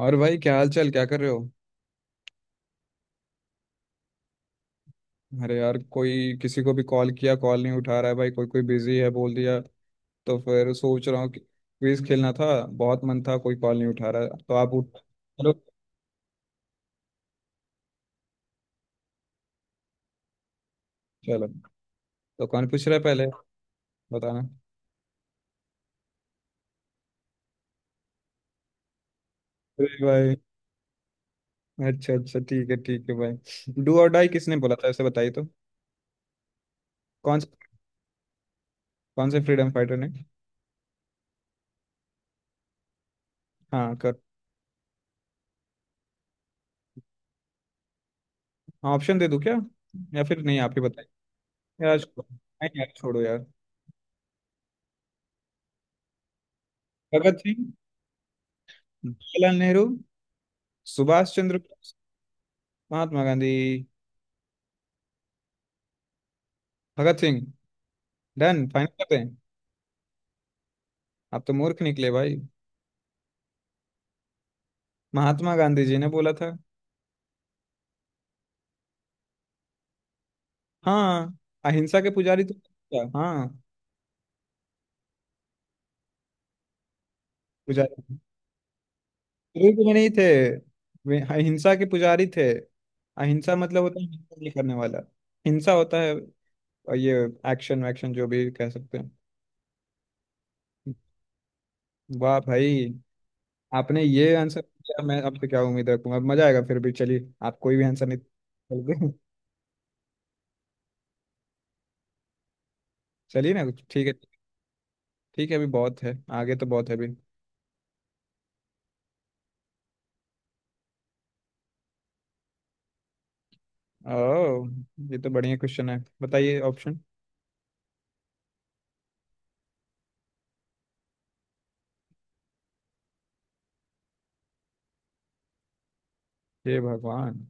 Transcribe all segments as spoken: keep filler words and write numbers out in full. और भाई क्या हाल चाल क्या कर रहे हो। अरे यार कोई किसी को भी कॉल किया, कॉल नहीं उठा रहा है भाई, कोई कोई बिजी है बोल दिया। तो फिर सोच रहा हूँ कि क्विज खेलना था, बहुत मन था, कोई कॉल नहीं उठा रहा है। तो आप उठ चलो। चलो, तो कौन पूछ रहा है पहले, बताना। अरे भाई, अच्छा अच्छा, ठीक है ठीक है भाई, डू और डाई किसने बोला था, ऐसे बताइए तो। कौन से कौन से फ्रीडम फाइटर ने। हाँ कर हाँ, ऑप्शन दे दूँ क्या? या फिर नहीं, आप ही बताइए। यार छोड़ो, नहीं यार छोड़ो यार। भगत सिंह, जवाहरलाल नेहरू, सुभाष चंद्र बोस, महात्मा गांधी। भगत सिंह? डन, फाइनल करते हैं। आप तो मूर्ख निकले भाई। महात्मा गांधी जी ने बोला था। हाँ, अहिंसा के पुजारी तो क्या, हाँ पुजारी। शुरू में नहीं थे, वे अहिंसा के पुजारी थे। अहिंसा मतलब होता है हिंसा नहीं करने वाला। हिंसा होता है, और ये एक्शन वैक्शन जो भी कह सकते हैं। वाह भाई, आपने ये आंसर दिया, मैं आपसे क्या उम्मीद रखूंगा, अब मजा आएगा। फिर भी चलिए, आप कोई भी आंसर नहीं। चलिए, चलिए ना कुछ ठीक है। ठीक है, अभी बहुत है, आगे तो बहुत है अभी। ओह, ये तो बढ़िया क्वेश्चन है, बताइए ऑप्शन। हे भगवान।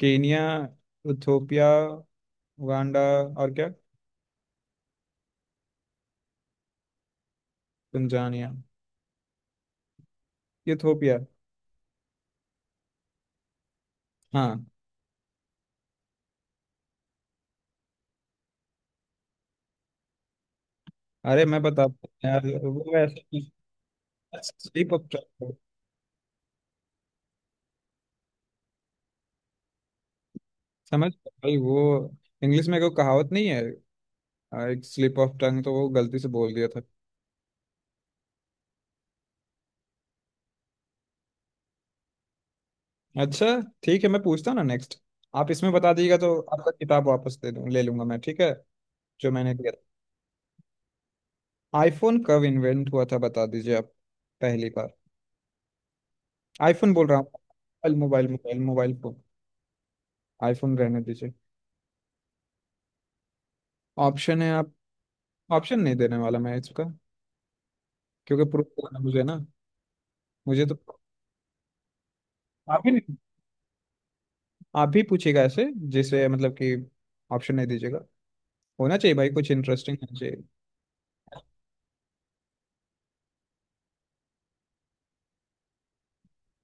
केनिया, इथोपिया, उगांडा, और क्या? तंजानिया। इथोपिया। हाँ। अरे मैं बताता हूँ यार, वो ऐसे स्लिप ऑफ टंग। समझ भाई, वो इंग्लिश में कोई कहावत नहीं है, आ, एक स्लिप ऑफ टंग, तो वो गलती से बोल दिया था। अच्छा ठीक है, मैं पूछता हूँ ना नेक्स्ट। आप इसमें बता दीजिएगा तो आपका किताब वापस दे दूँ, ले लूंगा मैं ठीक है, जो मैंने दिया। आईफोन कब इन्वेंट हुआ था, बता दीजिए आप, पहली बार। आईफोन बोल रहा हूँ, mobile mobile mobile mobile phone. IPhone रहने दीजिए। ऑप्शन है आप? ऑप्शन नहीं देने वाला मैं इसका, क्योंकि प्रूफ करना मुझे ना, मुझे तो। आप ही नहीं आप ही पूछिएगा ऐसे, जैसे मतलब कि ऑप्शन नहीं दीजिएगा। होना चाहिए भाई, कुछ इंटरेस्टिंग होना चाहिए।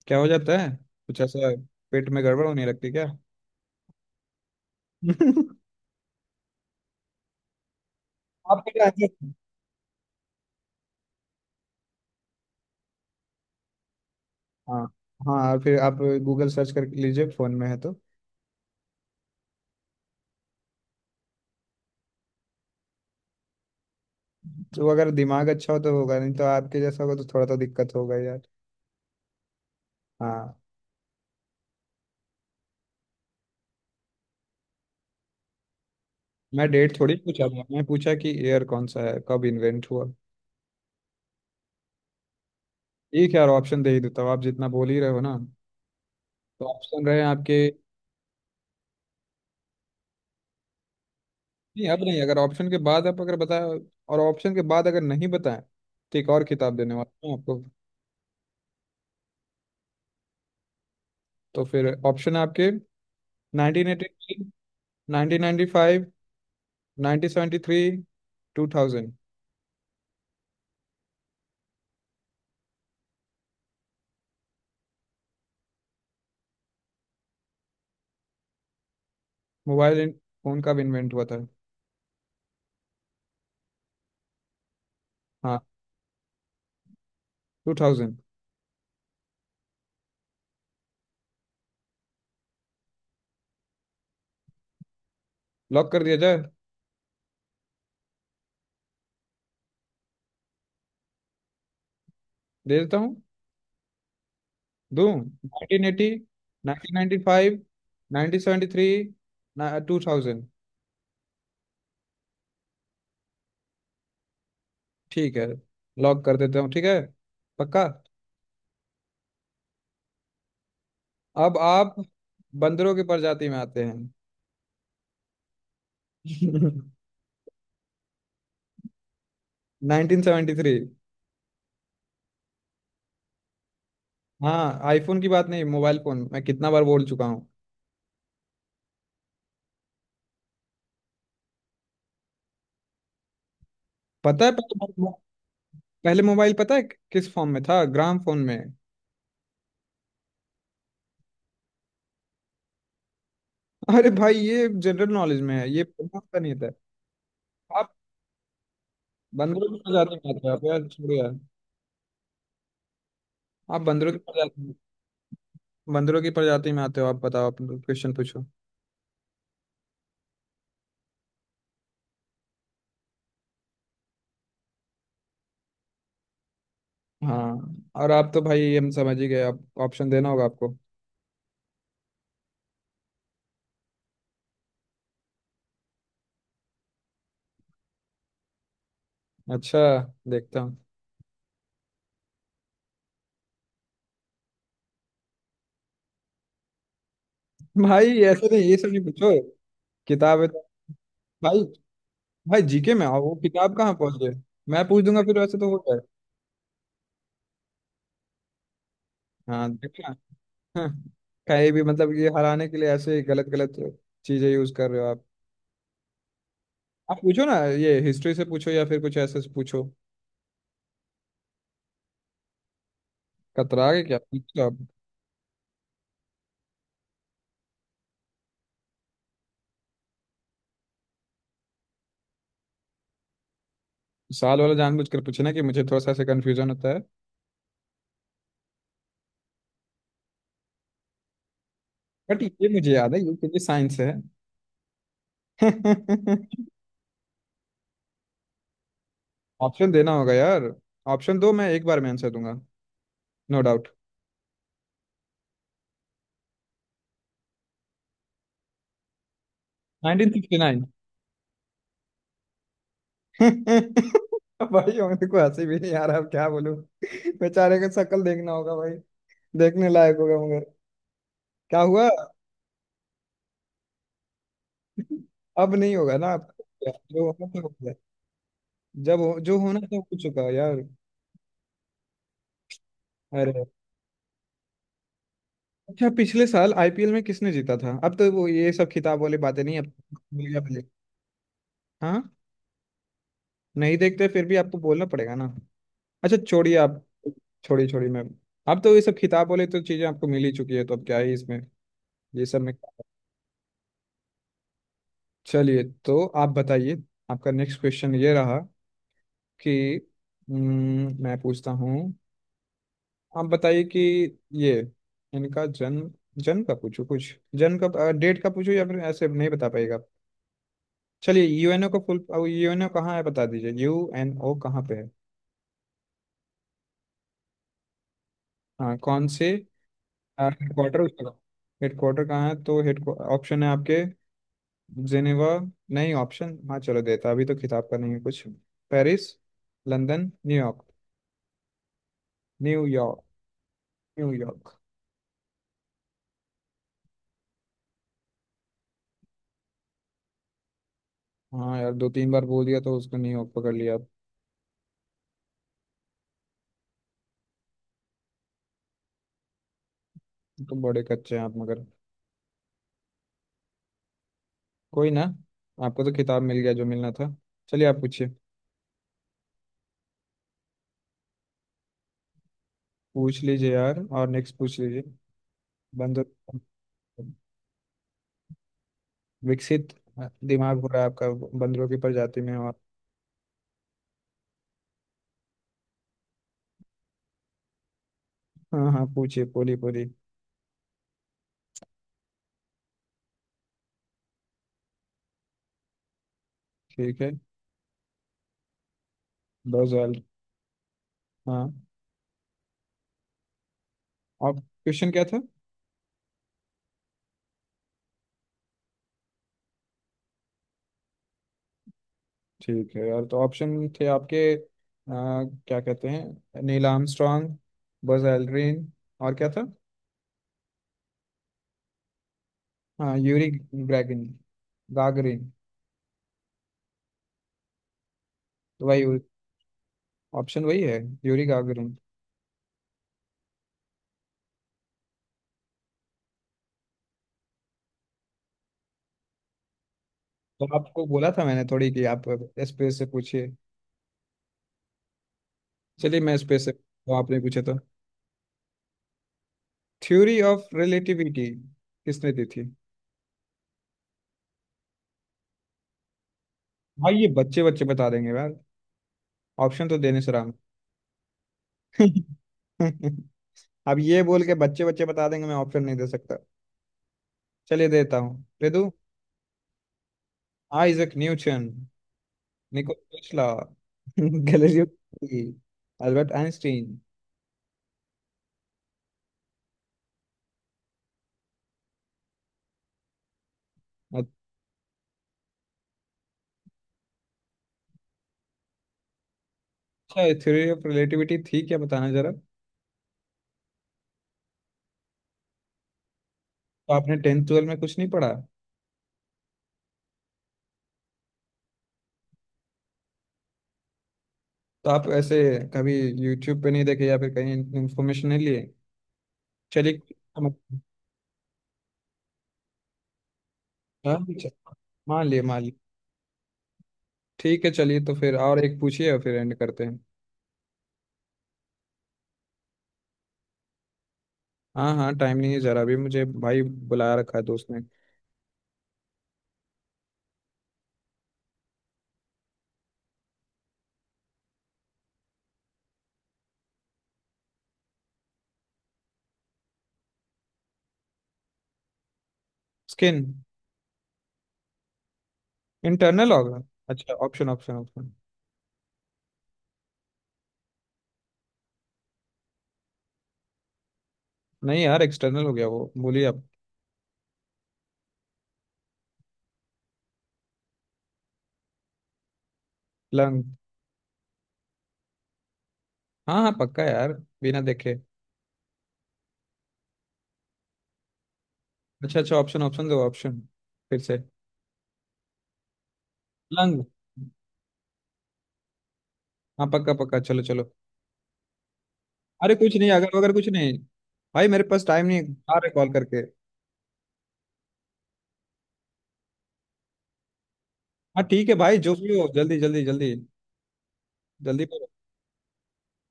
क्या हो जाता है कुछ ऐसा, पेट में गड़बड़ होने लगती क्या? आप क्या आंसर? हाँ। हाँ, और फिर आप गूगल सर्च कर लीजिए, फोन में है तो। तो अगर दिमाग अच्छा हो तो होगा, नहीं तो आपके जैसा होगा तो थोड़ा तो दिक्कत होगा यार। हाँ, मैं डेट थोड़ी पूछा था, मैं पूछा कि ईयर कौन सा है, कब इन्वेंट हुआ। ठीक है यार, ऑप्शन दे ही देता हूँ, आप जितना बोल ही रहे हो ना। तो ऑप्शन रहे आपके। नहीं, अब नहीं, अगर ऑप्शन के बाद आप अगर बताए, और ऑप्शन के बाद अगर नहीं बताएं तो एक और किताब देने वाला हूँ आपको। तो फिर ऑप्शन है आपके, nineteen eighty three, nineteen ninety five, nineteen seventy three, two thousand. Mobile इन- फोन कब इन्वेंट हुआ था। हाँ, टू थाउजेंड। लॉक कर दिया जाए? दे देता हूँ, दूं। Nineteen eighty, nineteen ninety five, nineteen seventy three, two thousand. ठीक है, लॉक कर देता हूँ ठीक है, पक्का। अब आप बंदरों की प्रजाति में आते हैं। Nineteen seventy three. हाँ, आईफोन की बात नहीं, मोबाइल फोन मैं कितना बार बोल चुका हूँ। पता है पहले, पहले मोबाइल पता है किस फॉर्म में था? ग्राम फोन में। अरे भाई, ये जनरल नॉलेज में है, ये पता नहीं था। आप बंदरों की प्रजाति में आते हो आप, यार छोड़ो यार। आप बंदरों की प्रजाति, बंदरों की प्रजाति में आते हो आप। बताओ, आप क्वेश्चन पूछो। हाँ, और आप तो भाई हम समझ ही गए, आप ऑप्शन देना होगा आपको। अच्छा, देखता हूँ। भाई ऐसे नहीं, ये सब नहीं पूछो। किताब है तो- भाई। भाई जीके में आओ, वो किताब कहाँ पहुंच गए। मैं पूछ दूंगा फिर, वैसे तो हो जाए। हाँ देखा। हाँ, कहीं भी, मतलब ये हराने के लिए ऐसे ही गलत गलत चीजें यूज कर रहे हो आप। आप पूछो ना, ये हिस्ट्री से पूछो, या फिर कुछ ऐसे से पूछो। कतरा के क्या पूछो आप। साल वाला जानबूझकर पूछना कि मुझे थोड़ा सा ऐसे कंफ्यूजन होता है, बट ये मुझे याद है, यूकेजी साइंस है। ऑप्शन देना होगा यार। ऑप्शन दो, मैं एक बार में आंसर दूंगा, no doubt. Nineteen sixty nine. भाई मेरे को हंसी भी नहीं आ रहा, अब क्या बोलूं। बेचारे का शक्ल देखना होगा भाई, देखने लायक होगा मगर। क्या हुआ? अब नहीं होगा ना अब। जो होना था हो गया। जब हो, जो होना था हो चुका यार। अरे। अच्छा, पिछले साल आईपीएल में किसने जीता था? अब तो वो ये सब खिताब वाली बातें नहीं अब। मीडिया वाले। हाँ, नहीं देखते फिर भी आपको बोलना पड़ेगा ना। अच्छा छोड़िए आप, छोड़िए छोड़िए मैम। अब तो ये सब खिताब वाले तो चीज़ें आपको मिल ही चुकी है, तो अब क्या ही इसमें, ये सब में। चलिए तो आप बताइए। आपका नेक्स्ट क्वेश्चन ये रहा कि, हम्म, मैं पूछता हूँ, आप बताइए कि ये इनका जन्म, जन्म का पूछूं, कुछ जन्म का डेट का पूछूं, या फिर ऐसे नहीं बता पाएगा आप? चलिए, यूएनओ का फुल, यूएनओ कहाँ है बता दीजिए, यूएनओ कहाँ पे है। हाँ, कौन से हेडक्वार्टर उसका, हेडक्वार्टर कहाँ है? तो हेड ऑप्शन है आपके, जिनेवा, नहीं ऑप्शन, हाँ चलो देता, अभी तो किताब का नहीं है कुछ। Paris, London, New York. New York. New York. हाँ यार, दो तीन बार बोल दिया तो उसको न्यूयॉर्क पकड़ लिया आप। तो बड़े कच्चे हैं आप मगर, कोई ना। आपको तो किताब मिल गया, जो मिलना था। चलिए आप पूछिए। पूछ लीजिए यार, और नेक्स्ट पूछ लीजिए। बंदर। विकसित दिमाग हो रहा है आपका, बंदरों की प्रजाति में। और हाँ हाँ, पूछिए पूरी पूरी। ठीक है, दो सवाल। हाँ, और क्वेश्चन क्या था? ठीक है यार, तो ऑप्शन थे आपके, आ, क्या कहते हैं, नील आर्मस्ट्रॉन्ग, बज एल्ड्रिन, और क्या था? हाँ, यूरी ग्रैगिन, गागरिन, तो वही ऑप्शन वही है, यूरी गागरिन। तो आपको बोला था मैंने थोड़ी कि आप स्पेस से पूछिए। चलिए, मैं स्पेस से तो आपने पूछा था। थ्योरी ऑफ रिलेटिविटी किसने दी थी? भाई ये बच्चे बच्चे बता देंगे यार, ऑप्शन तो देने से राम। अब ये बोल के बच्चे बच्चे बता देंगे, मैं ऑप्शन नहीं दे सकता। चलिए देता हूँ, दे दूँ। Isaac Newton, Nikola Tesla, Galileo Galilei, Albert Einstein. अच्छा, थ्योरी ऑफ रिलेटिविटी थी क्या, बताना जरा तो। आपने टेंथ ट्वेल्व में कुछ नहीं पढ़ा? तो आप ऐसे कभी यूट्यूब पे नहीं देखे, या फिर कहीं इन्फॉर्मेशन नहीं लिए? चलिए। हाँ, चल- मान लिए, मान लिए। ठीक है चलिए, तो फिर और एक पूछिए, और फिर एंड करते हैं। हाँ हाँ, टाइम नहीं है जरा भी मुझे भाई, बुलाया रखा है दोस्त ने। स्किन। इंटरनल होगा? अच्छा, ऑप्शन ऑप्शन ऑप्शन। नहीं यार, एक्सटर्नल हो गया वो, बोलिए आप। लंग। हाँ हाँ, पक्का यार, बिना देखे। अच्छा अच्छा, ऑप्शन ऑप्शन दो ऑप्शन, फिर से। लंग। हाँ पक्का पक्का, चलो चलो। अरे कुछ नहीं, अगर अगर कुछ नहीं, भाई मेरे पास टाइम नहीं है, आ रहा कॉल करके। हाँ ठीक है भाई, जो भी हो, जल्दी जल्दी जल्दी, जल्दी करो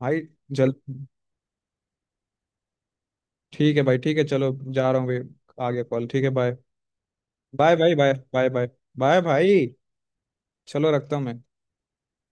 भाई। जल ठीक है भाई, ठीक है, चलो जा रहा हूँ भाई, आगे कॉल, ठीक है बाय। बाय भाई, बाय बाय बाय। बाय भाई, चलो रखता हूँ मैं।